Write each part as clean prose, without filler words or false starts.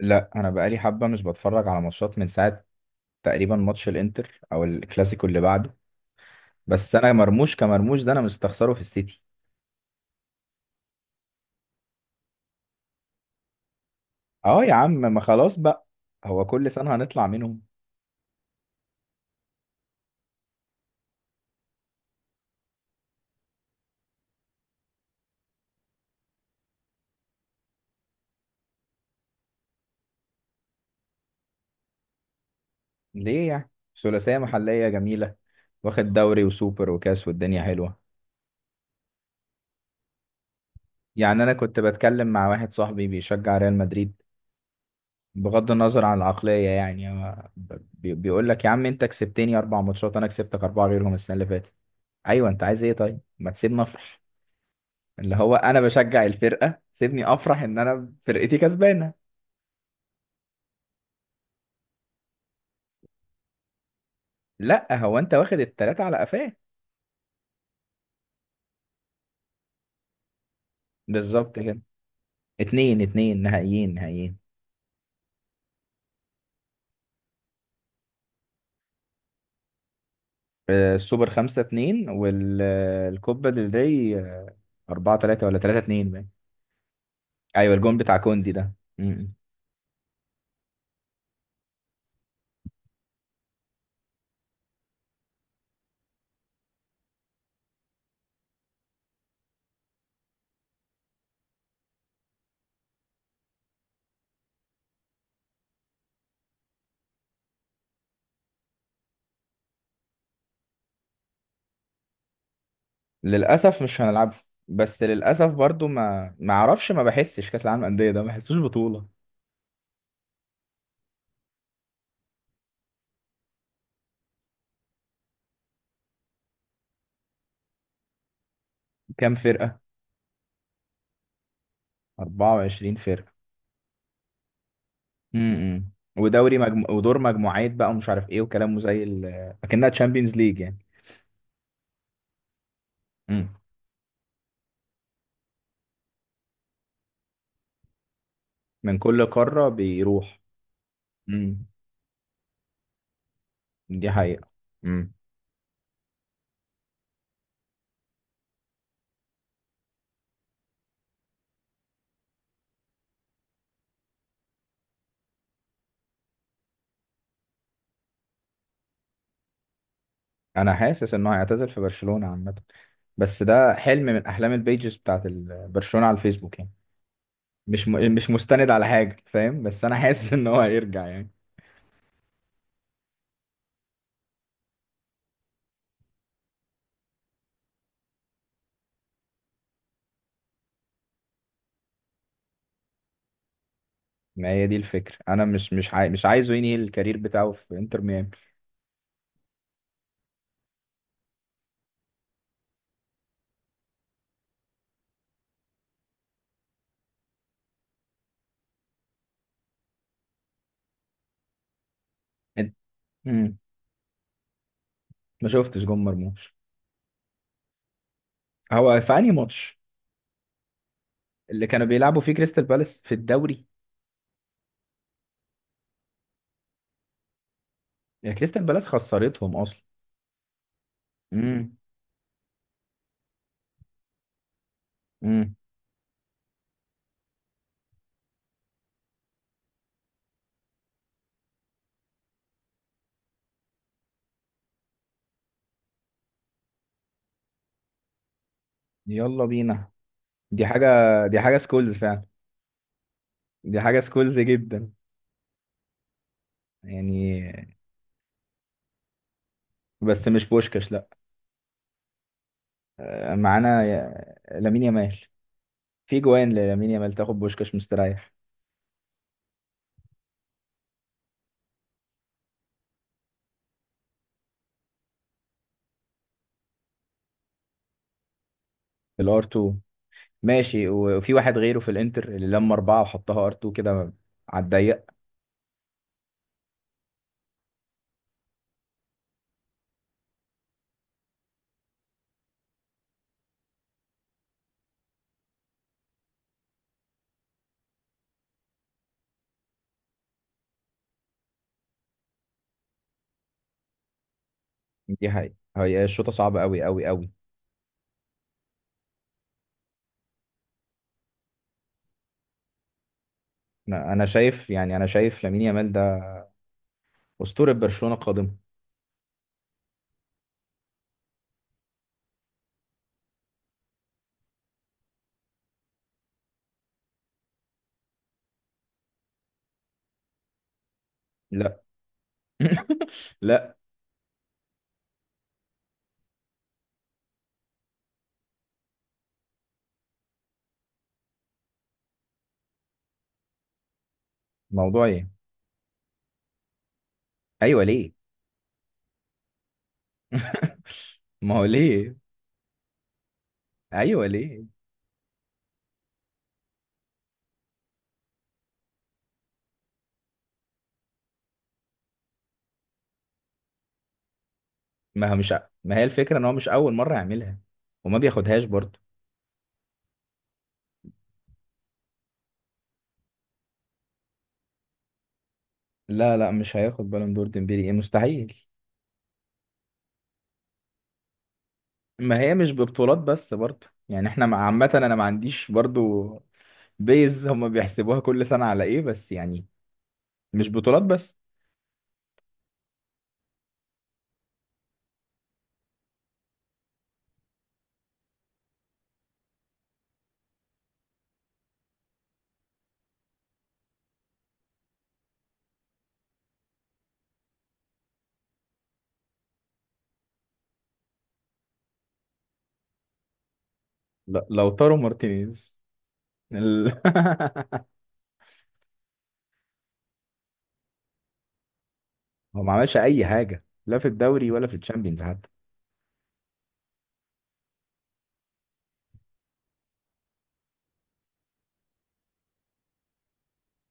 لا، انا بقالي حبه مش بتفرج على ماتشات من ساعه، تقريبا ماتش الانتر او الكلاسيكو اللي بعده. بس انا مرموش كمرموش ده، انا مستخسره في السيتي. اه يا عم، ما خلاص بقى، هو كل سنه هنطلع منهم. ليه يعني؟ ثلاثيه محليه جميله، واخد دوري وسوبر وكاس والدنيا حلوه. يعني انا كنت بتكلم مع واحد صاحبي بيشجع ريال مدريد، بغض النظر عن العقليه يعني، هو بيقول لك: يا عم، انت كسبتني اربع ماتشات، انا كسبتك اربعه غيرهم السنه اللي فاتت. ايوه، انت عايز ايه؟ طيب ما تسيبنا نفرح. اللي هو انا بشجع الفرقه، سيبني افرح ان انا فرقتي كسبانه. لا، هو انت واخد التلاته على قفاه. بالظبط كده. اتنين اتنين، نهائيين نهائيين. آه، السوبر 5-2، والكوبا ديل ري 4-3، ولا 3-2 باين. أيوة، الجون بتاع كوندي ده. م-م. للأسف مش هنلعبه، بس للأسف برضو ما أعرفش، ما بحسش كأس العالم للأندية ده، ما بحسوش بطولة. كام فرقة؟ 24 فرقة. امم ودور مجموعات بقى، ومش عارف ايه، وكلامه زي. اكنها تشامبيونز ليج يعني. امم. من كل قارة بيروح. امم. دي حقيقة. امم. انا حاسس انه هيعتزل في برشلونة عامة، بس ده حلم من احلام البيجز بتاعت برشلونة على الفيسبوك يعني. مش مستند على حاجة، فاهم؟ بس انا حاسس ان هو هيرجع يعني. ما هي دي الفكرة، انا مش عايزه ينهي الكارير بتاعه في انتر ميامي. أنت- امم. ما شفتش جون مرموش. هو في انهي ماتش؟ اللي كانوا بيلعبوا فيه كريستال بالاس في الدوري. يا كريستال بالاس، خسرتهم اصلا. امم. امم. يلا بينا. دي حاجه، دي حاجه سكولز فعلا، دي حاجه سكولز جدا يعني. بس مش بوشكاش لا. آه، معانا لامين يامال. في جوان للامين يامال تاخد بوشكاش مستريح. في الار 2، ماشي، و- وفي واحد غيره في الانتر اللي لما اربعه وحطها ار 2 كده، على الضيق. دي حقيقة، هي الشوطه صعبه قوي قوي قوي. أنا شايف يعني، انا شايف لامين يامال ده اسطوره برشلونه قادمه. لا. لا. موضوع ايه؟ ايوه ليه؟ ما هو ليه. ايوه ليه؟ ما هي الفكره ان هو مش اول مره يعملها، وما بياخدهاش برضه. لا لا، مش هياخد بالون دور ديمبلي، ايه مستحيل. ما هي مش ببطولات بس برضه يعني، احنا عامه انا ما عنديش برضه. بيز هم بيحسبوها كل سنه على ايه بس يعني، مش بطولات بس. لا، لو تارو مارتينيز ال- هو ما عملش اي حاجه لا في الدوري ولا في الشامبيونز.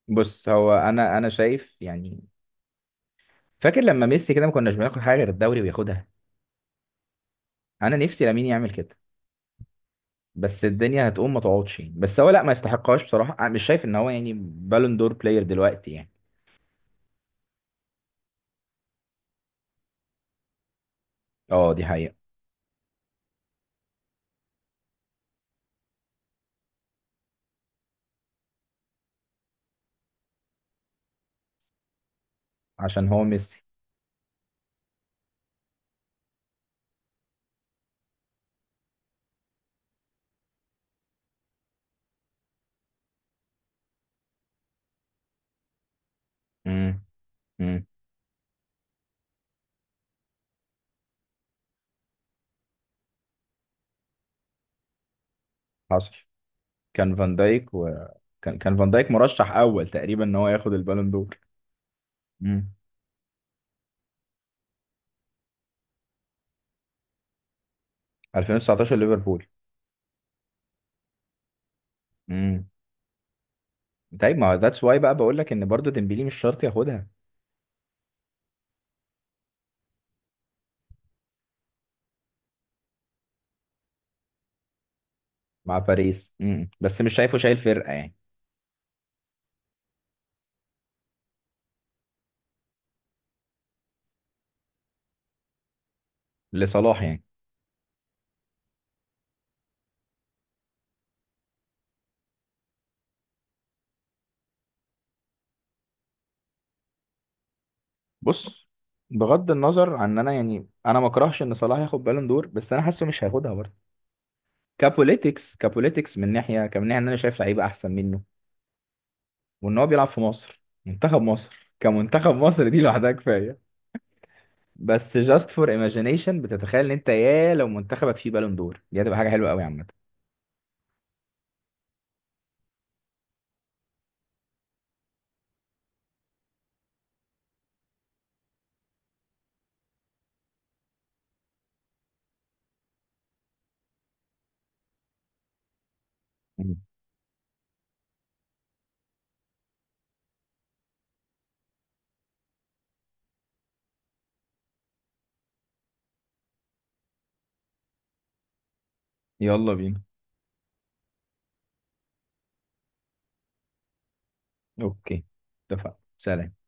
بص، هو انا شايف يعني، فاكر لما ميسي كده ما كناش بناخد حاجه غير الدوري وياخدها. انا نفسي لامين يعمل كده، بس الدنيا هتقوم ما تقعدش يعني. بس هو لا، ما يستحقهاش بصراحه. أنا مش شايف ان هو يعني بالون دور بلاير دلوقتي يعني. اه دي حقيقه، عشان هو ميسي. امم. امم. حصل. كان فان دايك. كان فان دايك مرشح اول تقريبا ان هو ياخد البالون دور. امم. 2019 ليفربول. امم. طيب، ما ذاتس واي بقى بقول لك ان برضو ديمبلي مش شرط ياخدها. مع باريس. امم. بس مش شايفه شايل فرقه يعني. لصلاح يعني. بص، بغض النظر عن ان انا يعني انا ما اكرهش ان صلاح ياخد بالون دور، بس انا حاسه مش هياخدها برضه. كبوليتكس كبوليتكس من ناحيه، كمن ناحيه ان انا شايف لعيبه احسن منه، وان هو بيلعب في مصر، منتخب مصر كمنتخب مصر دي لوحدها كفايه. بس جاست فور ايماجينيشن بتتخيل ان انت يا لو منتخبك فيه بالون دور، دي هتبقى حاجه حلوه قوي عامه. مم. يلا بينا. اوكي، اتفقنا، سلام.